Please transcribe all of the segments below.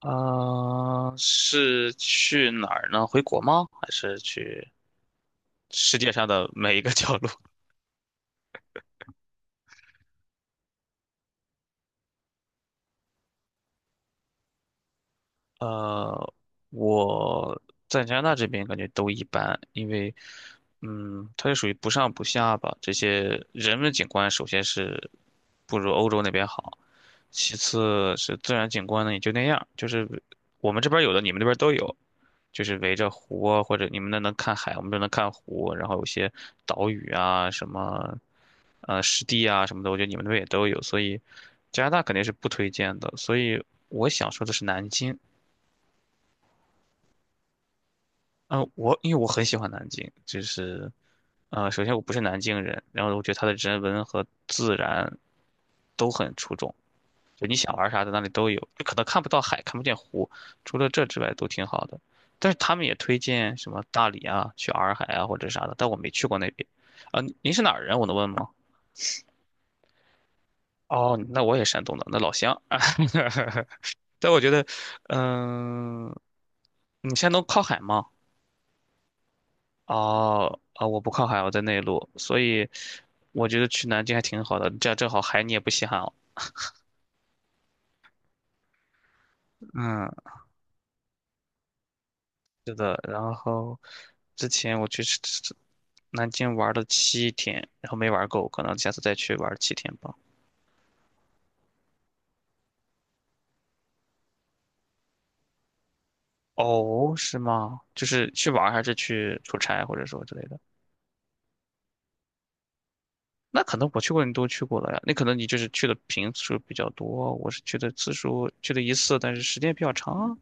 啊、是去哪儿呢？回国吗？还是去世界上的每一个角落？呃，我在加拿大这边感觉都一般，因为，它是属于不上不下吧。这些人文景观首先是不如欧洲那边好，其次是自然景观呢也就那样，就是我们这边有的，你们那边都有，就是围着湖啊，或者你们那能看海，我们这能看湖，然后有些岛屿啊，什么湿地啊什么的，我觉得你们那边也都有，所以加拿大肯定是不推荐的。所以我想说的是南京。嗯，因为我很喜欢南京，就是，首先我不是南京人，然后我觉得它的人文和自然都很出众，就你想玩啥在那里都有，就可能看不到海，看不见湖，除了这之外都挺好的。但是他们也推荐什么大理啊，去洱海啊或者啥的，但我没去过那边。啊、您是哪儿人？我能问吗？哦，那我也山东的，那老乡。但我觉得，嗯、你山东靠海吗？哦，啊，我不靠海，我在内陆，所以我觉得去南京还挺好的，这样正好海你也不稀罕了。嗯，是的。然后之前我去南京玩了七天，然后没玩够，可能下次再去玩七天吧。哦，是吗？就是去玩儿还是去出差或者说之类的？那可能我去过你都去过了呀，那可能你就是去的频次数比较多，我是去的次数去的一次，但是时间比较长。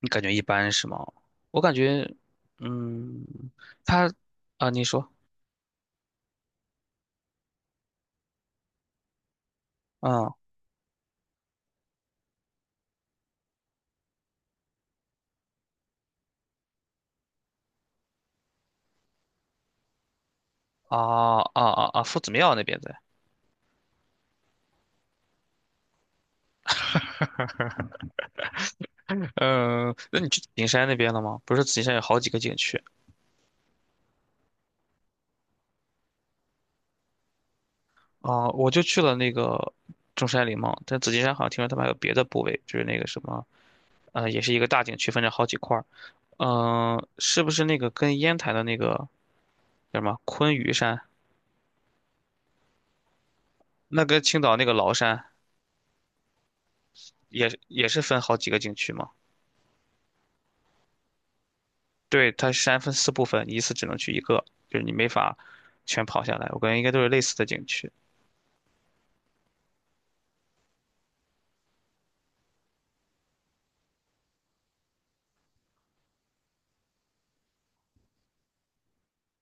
你感觉一般是吗？我感觉，嗯，他啊，你说，嗯，啊啊啊啊，夫子庙那边在，嗯，那你去景山那边了吗？不是紫金山有好几个景区啊，我就去了那个中山陵嘛，但紫金山好像听说他们还有别的部位，就是那个什么，也是一个大景区，分成好几块儿，嗯，是不是那个跟烟台的那个叫什么昆嵛山，那跟青岛那个崂山也是分好几个景区吗？对，它山分4部分，你一次只能去一个，就是你没法全跑下来。我感觉应该都是类似的景区。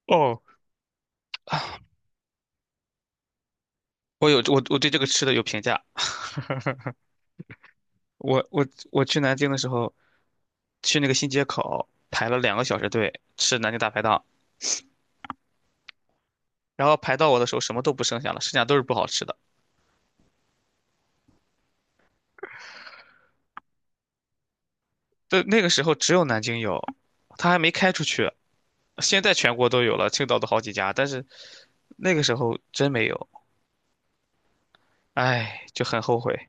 哦，我有我我对这个吃的有评价。我我我去南京的时候，去那个新街口排了2个小时队吃南京大排档，然后排到我的时候什么都不剩下了，剩下都是不好吃的。对，那个时候只有南京有，它还没开出去。现在全国都有了，青岛都好几家，但是那个时候真没有，哎，就很后悔。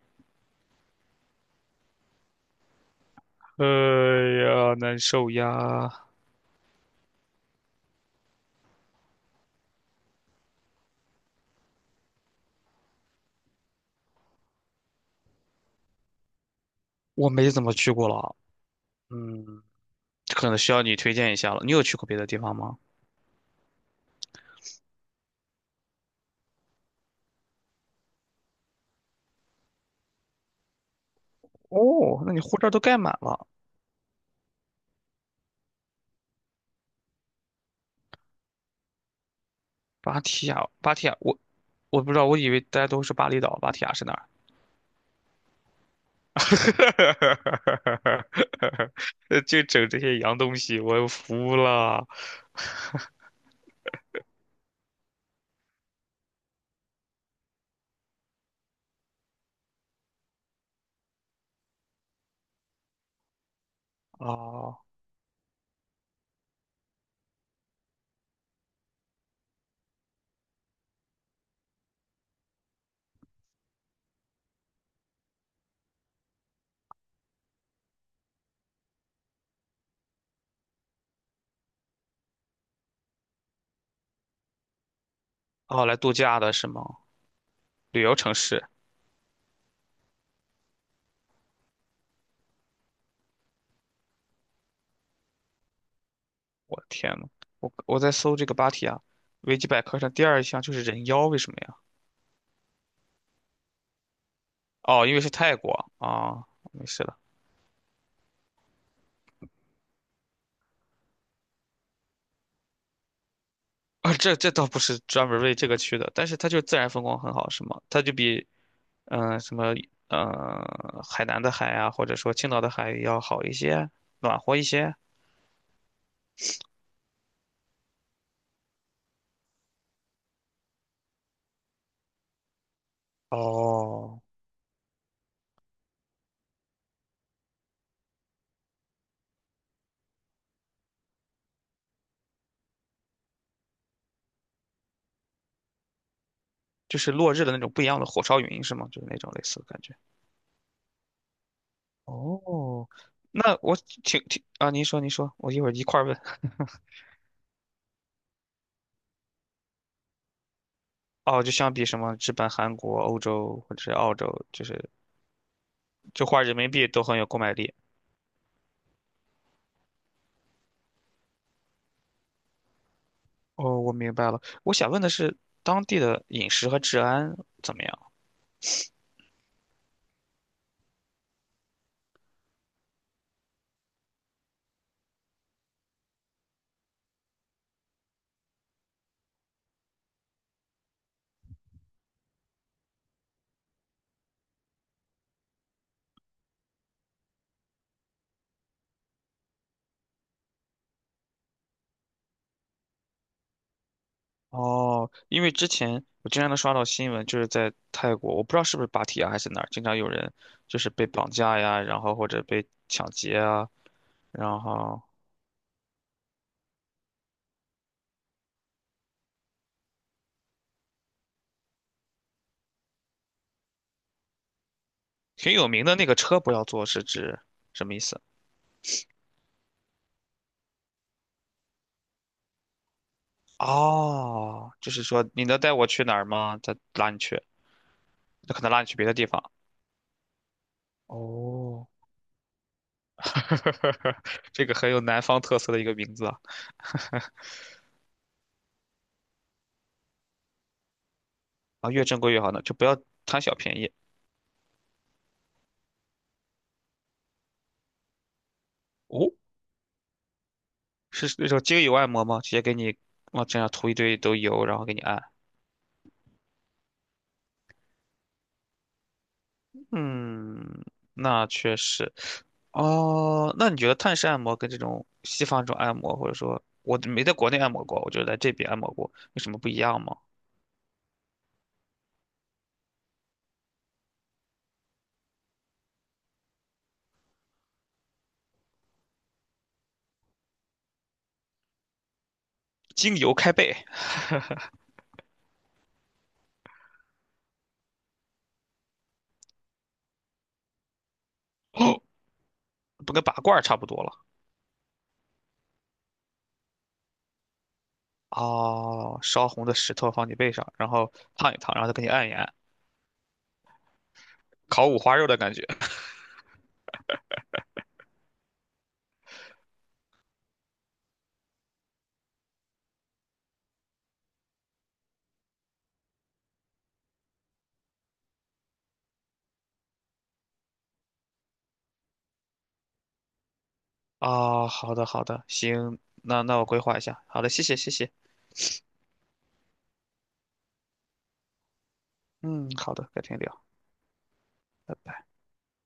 哎呀，难受呀！我没怎么去过了，嗯，可能需要你推荐一下了。你有去过别的地方吗？哦，那你护照都盖满了。芭提雅，芭提雅，我不知道，我以为大家都是巴厘岛，芭提雅是哪儿？就整这些洋东西，我服了。啊啊，来度假的是吗？旅游城市，我的天呐，我在搜这个芭提雅，维基百科上第二项就是人妖，为什么呀？哦，因为是泰国啊，没事的。啊，这倒不是专门为这个去的，但是它就自然风光很好，是吗？它就比什么海南的海啊，或者说青岛的海要好一些，暖和一些。哦，就是落日的那种不一样的火烧云，是吗？就是那种类似的感觉。哦，那我听听啊，您说您说，我一会儿一块儿问。哦，就相比什么日本、韩国、欧洲或者是澳洲，就花人民币都很有购买力。哦，我明白了。我想问的是，当地的饮食和治安怎么样？哦，因为之前我经常能刷到新闻，就是在泰国，我不知道是不是芭提雅还是哪儿，经常有人就是被绑架呀，然后或者被抢劫啊，然后挺有名的那个车不要坐是指什么意思？哦，就是说你能带我去哪儿吗？他拉你去，他可能拉你去别的地方。哦，这个很有南方特色的一个名字啊，啊，越正规越好呢，就不要贪小便宜。哦，是那种精油按摩吗？直接给你往身上涂一堆都油，然后给你按。嗯，那确实。哦，那你觉得泰式按摩跟这种西方这种按摩，或者说我没在国内按摩过，我就在这边按摩过，有什么不一样吗？精油开背，不跟拔罐儿差不多了。哦，烧红的石头放你背上，然后烫一烫，然后再给你按一按，烤五花肉的感觉。啊、好的好的，行，那我规划一下。好的，谢谢谢谢。嗯，好的，改天聊。拜拜。